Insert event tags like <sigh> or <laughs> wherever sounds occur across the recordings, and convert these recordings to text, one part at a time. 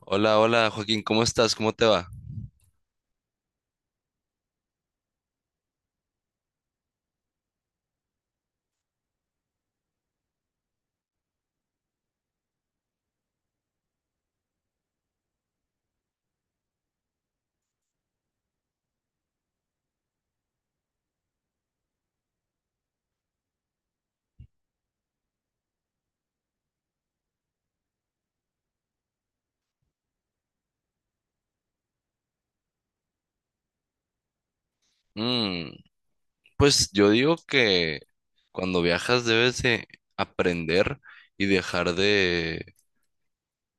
Hola, hola Joaquín, ¿cómo estás? ¿Cómo te va? Mm, pues yo digo que cuando viajas debes de aprender y dejar de,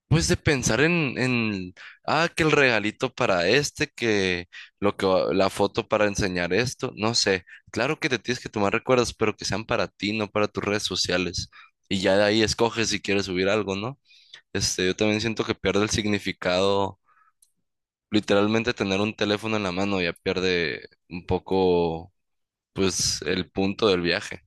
pues de pensar en que el regalito para este, que la foto para enseñar esto, no sé. Claro que te tienes que tomar recuerdos, pero que sean para ti, no para tus redes sociales. Y ya de ahí escoges si quieres subir algo, ¿no? Este, yo también siento que pierde el significado literalmente tener un teléfono en la mano ya pierde un poco, pues, el punto del viaje.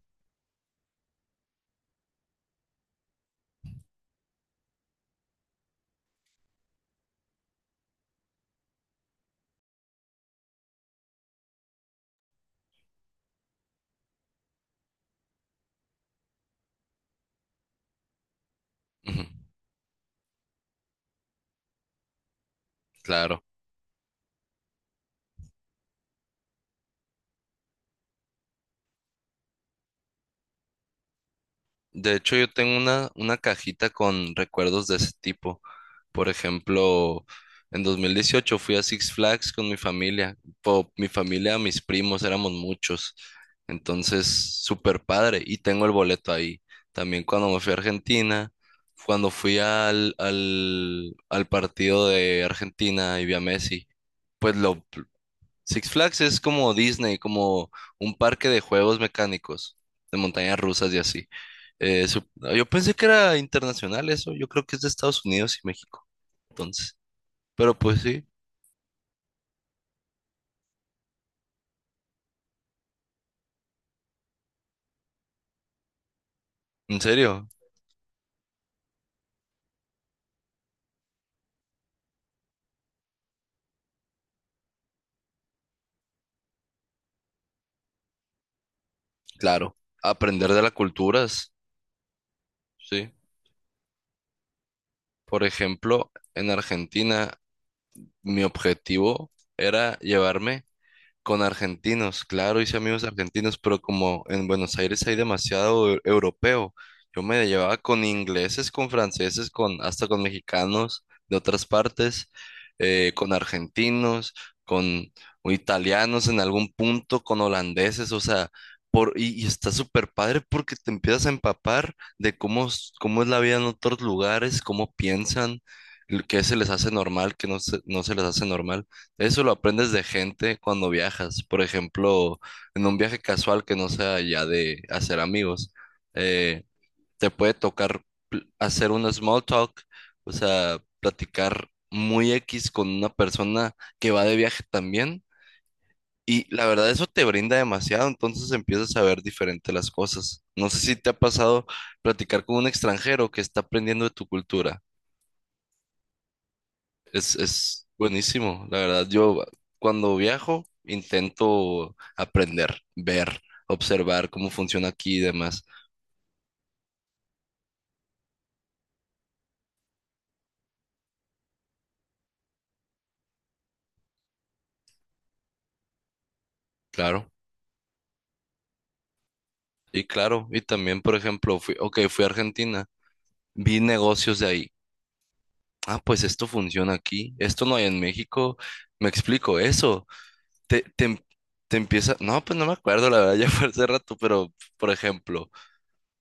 Ujú. Claro. De hecho, yo tengo una cajita con recuerdos de ese tipo. Por ejemplo, en 2018 fui a Six Flags con mi familia. Mi familia, mis primos, éramos muchos. Entonces, súper padre. Y tengo el boleto ahí. También cuando me fui a Argentina, cuando fui al partido de Argentina y vi a Messi, pues lo, Six Flags es como Disney, como un parque de juegos mecánicos, de montañas rusas y así. Eh, su- yo pensé que era internacional eso, yo creo que es de Estados Unidos y México, entonces. Pero pues sí, en serio, claro. Aprender de las culturas, sí. Por ejemplo, en Argentina, mi objetivo era llevarme. Con argentinos, claro, hice amigos argentinos, pero como en Buenos Aires hay demasiado europeo, yo me llevaba con ingleses, con franceses, con hasta con mexicanos de otras partes, con argentinos, con italianos en algún punto, con holandeses, o sea, y está súper padre porque te empiezas a empapar de cómo es la vida en otros lugares, cómo piensan, qué se les hace normal, qué no se les hace normal. Eso lo aprendes de gente cuando viajas. Por ejemplo, en un viaje casual que no sea ya de hacer amigos, eh, te puede tocar hacer un small talk, o sea, platicar muy X con una persona que va de viaje también. Y la verdad, eso te brinda demasiado, entonces empiezas a ver diferente las cosas. No sé si te ha pasado platicar con un extranjero que está aprendiendo de tu cultura. Es buenísimo, la verdad. Yo cuando viajo intento aprender, ver, observar cómo funciona aquí y demás. Claro, y claro, y también, por ejemplo, fui, ok, fui a Argentina, vi negocios de ahí. Ah, pues esto funciona aquí, esto no hay en México. Me explico eso. Te, te, em- te empieza, no, pues no me acuerdo, la verdad, <laughs> ya fue hace rato, pero, por ejemplo,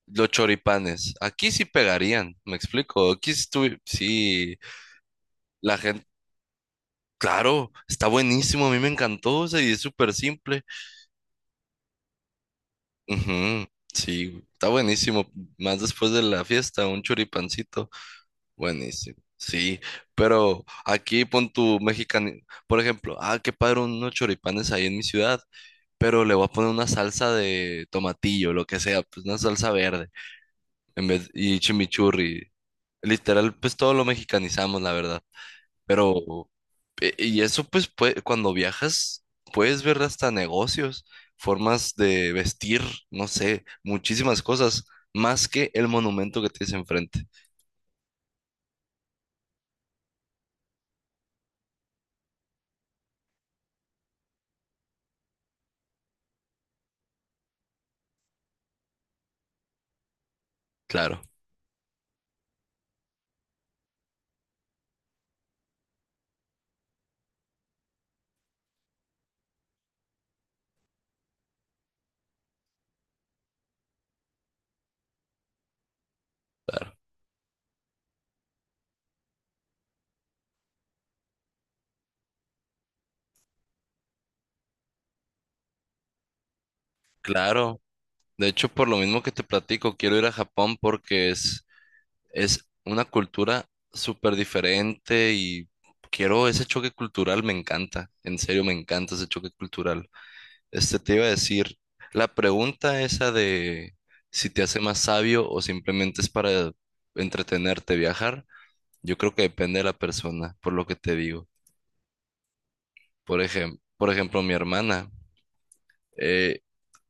los choripanes, aquí sí pegarían, me explico. Aquí sí, sí, la. Claro, está buenísimo, a mí me encantó, o sea, y es súper simple. Ujú, sí, güey, está buenísimo. Más después de la fiesta, un choripancito, buenísimo. Sí, pero aquí pon tu mexicano, por ejemplo, ah, qué padre unos choripanes ahí en mi ciudad, pero le voy a poner una salsa de tomatillo, lo que sea, pues una salsa verde, en vez y chimichurri. Literal, pues todo lo mexicanizamos, la verdad. Pero y eso cuando viajas puedes ver hasta negocios, formas de vestir, no sé, muchísimas cosas, más que el monumento que tienes enfrente. Claro, claro, claro. De hecho, por lo mismo que te platico, quiero ir a Japón porque es una cultura súper diferente y quiero ese choque cultural, me encanta, en serio, me encanta ese choque cultural. Este te iba a decir, la pregunta esa de si te hace más sabio o simplemente es para entretenerte, viajar, yo creo que depende de la persona, por lo que te digo. Por ejemplo, mi hermana, eh,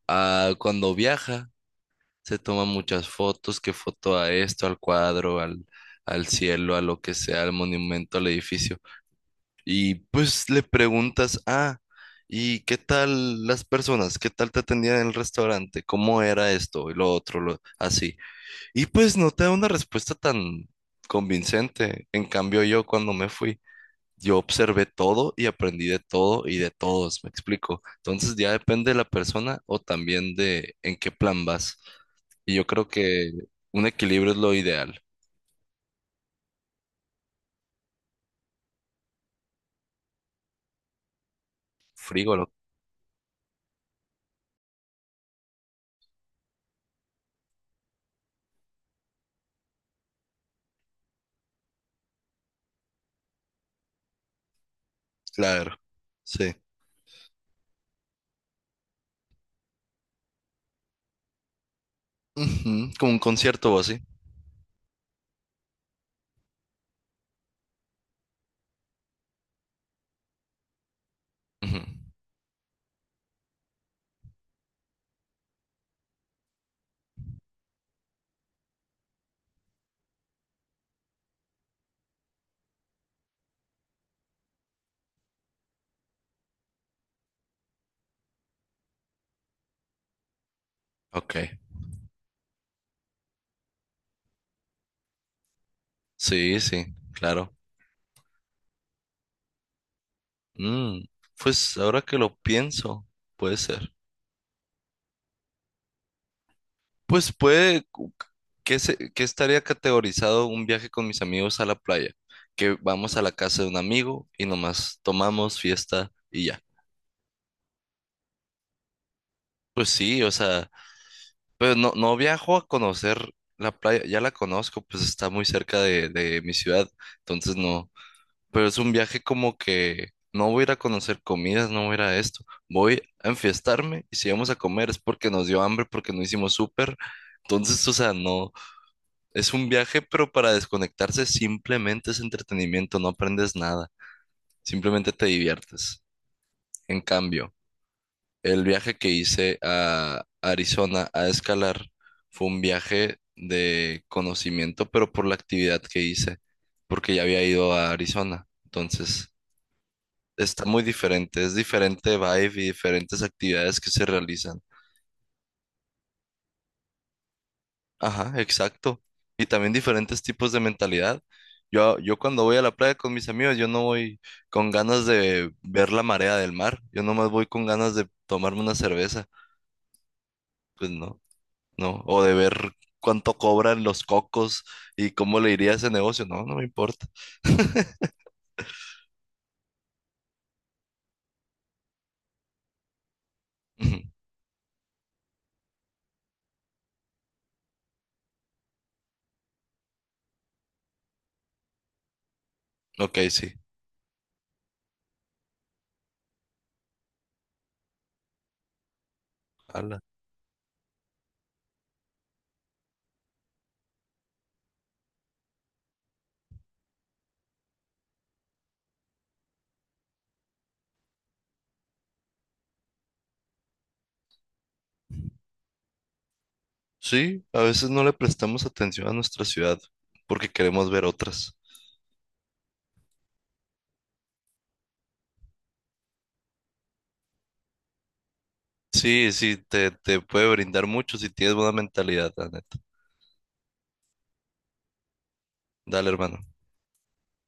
cuando viaja, se toma muchas fotos, que foto a esto, al cielo, a lo que sea, al monumento, al edificio. Y pues le preguntas, ah, ¿y qué tal las personas? ¿Qué tal te atendían en el restaurante? ¿Cómo era esto y lo otro, así? Y pues no te da una respuesta tan convincente. En cambio, yo cuando me fui, yo observé todo y aprendí de todo y de todos, ¿me explico? Entonces ya depende de la persona o también de en qué plan vas. Y yo creo que un equilibrio es lo ideal. Frígolo, claro. Sí. Ujú. Como un concierto o así. Ujú. Ok, sí, sí, claro. Mm, pues ahora que lo pienso, puede ser. Pues puede, ¿qué, qué estaría categorizado un viaje con mis amigos a la playa? Que vamos a la casa de un amigo y nomás tomamos fiesta y ya. Pues sí, o sea, pero no, no viajo a conocer la playa, ya la conozco, pues está muy cerca de mi ciudad, entonces no. Pero es un viaje como que no voy a ir a conocer comidas, no voy a ir a esto. Voy a enfiestarme y si vamos a comer es porque nos dio hambre, porque no hicimos súper. Entonces, o sea, no. Es un viaje, pero para desconectarse simplemente es entretenimiento, no aprendes nada. Simplemente te diviertes. En cambio, el viaje que hice a Arizona a escalar fue un viaje de conocimiento, pero por la actividad que hice, porque ya había ido a Arizona. Entonces. Está muy diferente, es diferente vibe y diferentes actividades que se realizan. Ajá, exacto. Y también diferentes tipos de mentalidad. Yo cuando voy a la playa con mis amigos, yo no voy con ganas de ver la marea del mar, yo nomás voy con ganas de tomarme una cerveza, pues no, no, o de ver cuánto cobran los cocos y cómo le iría a ese negocio, no, no me importa. <laughs> Ujú. Ok, sí. Ala. Sí, a veces no le prestamos atención a nuestra ciudad porque queremos ver otras. Sí, sí, te puede brindar mucho si tienes buena mentalidad, la neta. Dale, hermano.